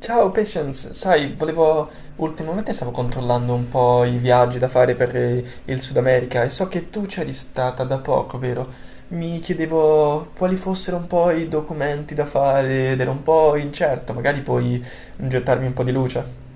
Ciao Patience, sai, volevo, ultimamente stavo controllando un po' i viaggi da fare per il Sud America e so che tu c'eri stata da poco, vero? Mi chiedevo quali fossero un po' i documenti da fare ed ero un po' incerto, magari puoi gettarmi un po' di luce.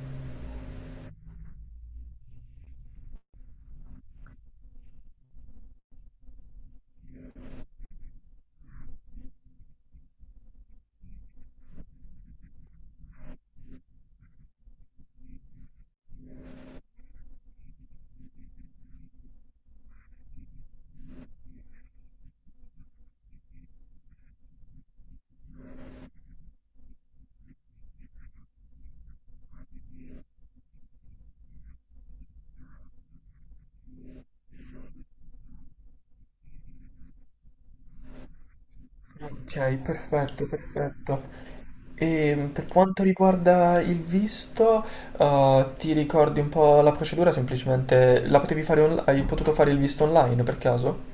Ok, perfetto, perfetto. E per quanto riguarda il visto, ti ricordi un po' la procedura? Semplicemente la potevi fare hai potuto fare il visto online per caso?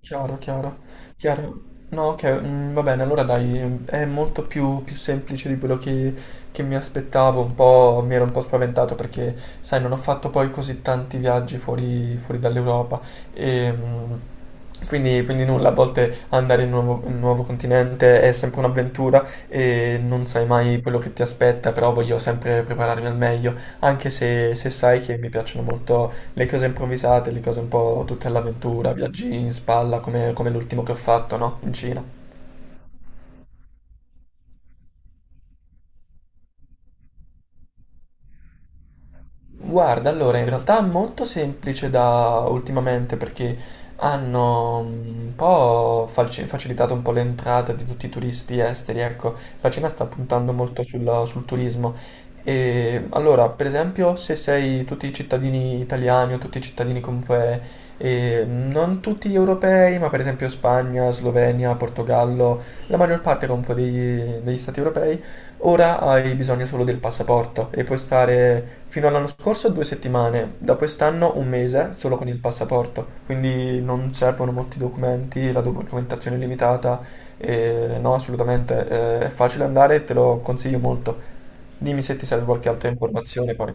Chiaro, chiaro, chiaro. No, ok, va bene, allora dai, è molto più semplice di quello che mi aspettavo, un po', mi ero un po' spaventato perché, sai, non ho fatto poi così tanti viaggi fuori dall'Europa e quindi nulla, a volte andare in un in un nuovo continente è sempre un'avventura e non sai mai quello che ti aspetta, però voglio sempre prepararmi al meglio, anche se sai che mi piacciono molto le cose improvvisate, le cose un po' tutte all'avventura, viaggi in spalla come l'ultimo che ho fatto, no? In Cina. Guarda, allora in realtà è molto semplice da ultimamente perché hanno un po' facilitato un po' l'entrata di tutti i turisti esteri, ecco, la Cina sta puntando molto sul turismo. E allora, per esempio, se sei tutti i cittadini italiani o tutti i cittadini comunque, non tutti europei, ma per esempio Spagna, Slovenia, Portogallo, la maggior parte comunque degli stati europei, ora hai bisogno solo del passaporto e puoi stare fino all'anno scorso 2 settimane, da quest'anno 1 mese solo con il passaporto, quindi non servono molti documenti, la documentazione è limitata e no, assolutamente è facile andare e te lo consiglio molto. Dimmi se ti serve qualche altra informazione poi.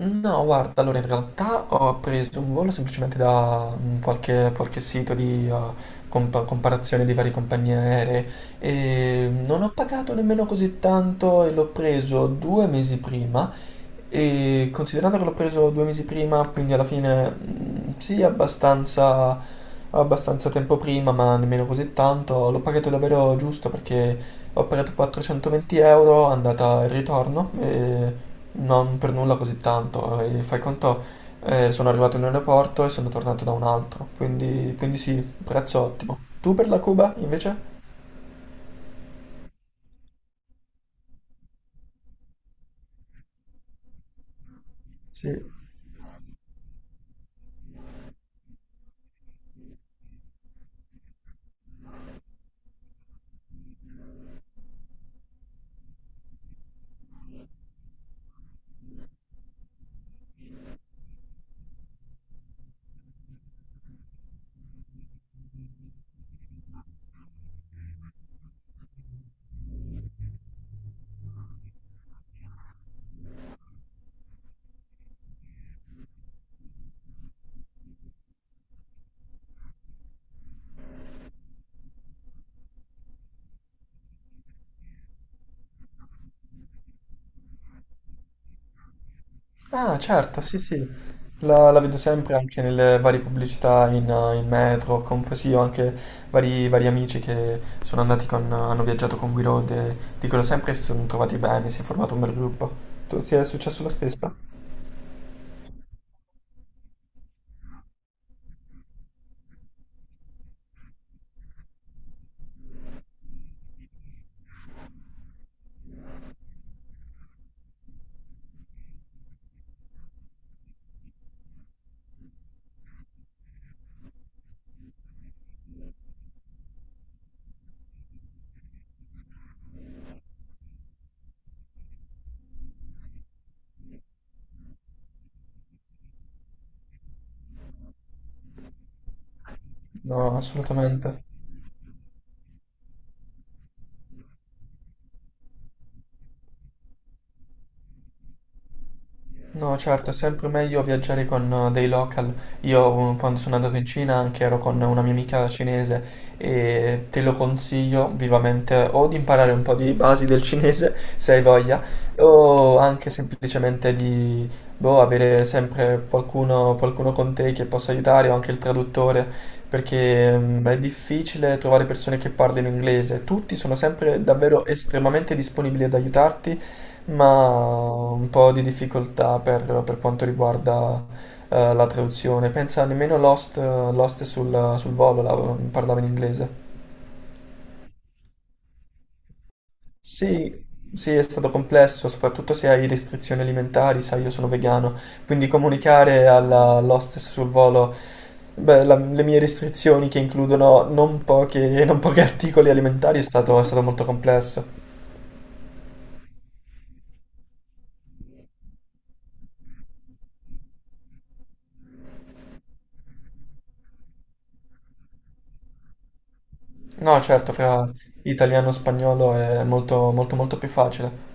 No, guarda, allora in realtà ho preso un volo semplicemente da qualche sito di comparazione di varie compagnie aeree e non ho pagato nemmeno così tanto e l'ho preso 2 mesi prima e considerando che l'ho preso 2 mesi prima, quindi alla fine sì, abbastanza tempo prima, ma nemmeno così tanto, l'ho pagato davvero giusto perché ho pagato 420 euro andata e ritorno. E non per nulla così tanto, fai conto, sono arrivato in un aeroporto e sono tornato da un altro, quindi sì, prezzo ottimo. Tu per la Cuba invece? Sì. Ah certo, sì sì, la vedo sempre anche nelle varie pubblicità in in metro, comunque sì, ho anche vari amici che sono andati con hanno viaggiato con Guido e dicono sempre che si sono trovati bene, si è formato un bel gruppo. Tu ti è successo lo stesso? No, assolutamente. No, certo, è sempre meglio viaggiare con dei local. Io quando sono andato in Cina anche ero con una mia amica cinese e te lo consiglio vivamente o di imparare un po' di basi del cinese se hai voglia o anche semplicemente di boh, avere sempre qualcuno con te che possa aiutare o anche il traduttore perché è difficile trovare persone che parlino inglese. Tutti sono sempre davvero estremamente disponibili ad aiutarti ma ho un po' di difficoltà per quanto riguarda la traduzione. Pensa, nemmeno Lost, Lost sul volo parlava in inglese. Sì, sì, è stato complesso, soprattutto se hai restrizioni alimentari, sai, io sono vegano, quindi comunicare alla all'hostess sul volo, beh, le mie restrizioni che includono non non pochi articoli alimentari è è stato molto complesso. No, certo, fra italiano e spagnolo è molto, molto, molto più facile.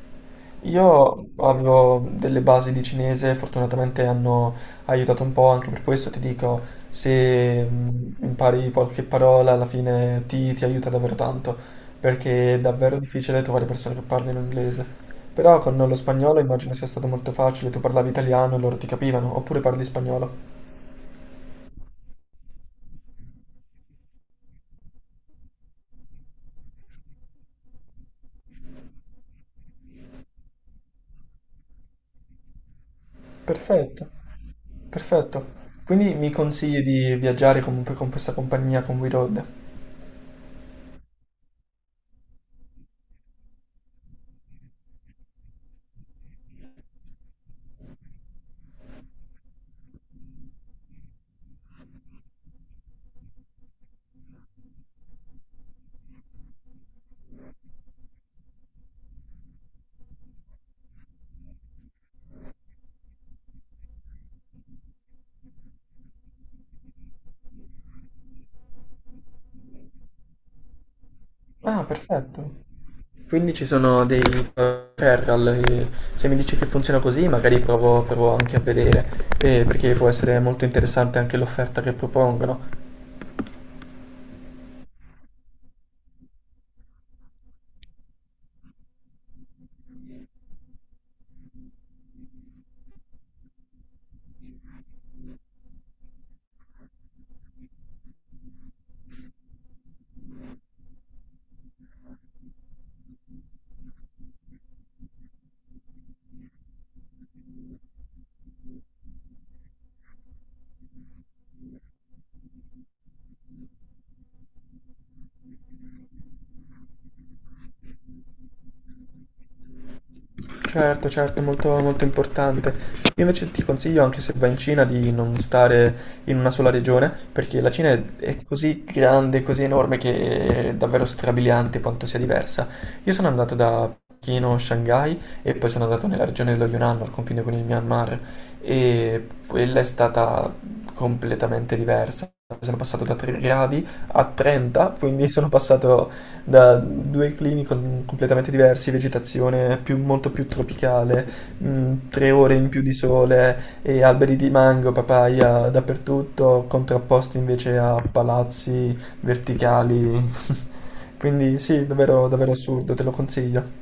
Io avevo delle basi di cinese, fortunatamente hanno aiutato un po', anche per questo ti dico, se impari qualche parola alla fine ti aiuta davvero tanto, perché è davvero difficile trovare persone che parlino inglese. Però con lo spagnolo immagino sia stato molto facile, tu parlavi italiano e loro ti capivano, oppure parli spagnolo. Perfetto, perfetto. Quindi mi consigli di viaggiare comunque con questa compagnia, con WeRoad? Ah, perfetto. Quindi ci sono dei referral, e se mi dici che funziona così magari provo anche a vedere, perché può essere molto interessante anche l'offerta che propongono. Certo, certo, molto, molto importante. Io invece ti consiglio, anche se vai in Cina, di non stare in una sola regione, perché la Cina è così grande, così enorme, che è davvero strabiliante quanto sia diversa. Io sono andato da Pechino, Shanghai, e poi sono andato nella regione dello Yunnan, al confine con il Myanmar, e quella è stata completamente diversa. Sono passato da 3 gradi a 30, quindi sono passato da due climi completamente diversi, vegetazione molto più tropicale, 3 ore in più di sole e alberi di mango, papaya dappertutto, contrapposti invece a palazzi verticali. Quindi sì, davvero, davvero assurdo, te lo consiglio.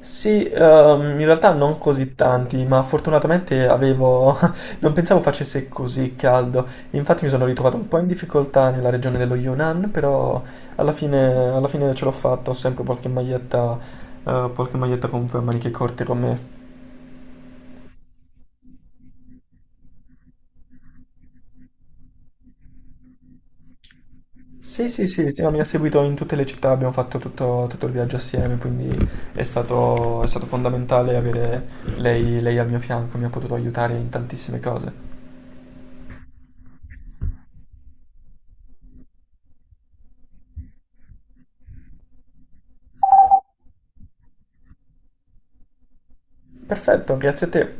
Sì, in realtà non così tanti, ma fortunatamente avevo... non pensavo facesse così caldo. Infatti mi sono ritrovato un po' in difficoltà nella regione dello Yunnan, però alla alla fine ce l'ho fatta, ho sempre qualche maglietta comunque a maniche corte con me. Sì, sì, sì, sì, no, mi ha seguito in tutte le città, abbiamo fatto tutto, tutto il viaggio assieme, quindi è è stato fondamentale avere lei al mio fianco, mi ha potuto aiutare in tantissime cose. Perfetto, grazie a te.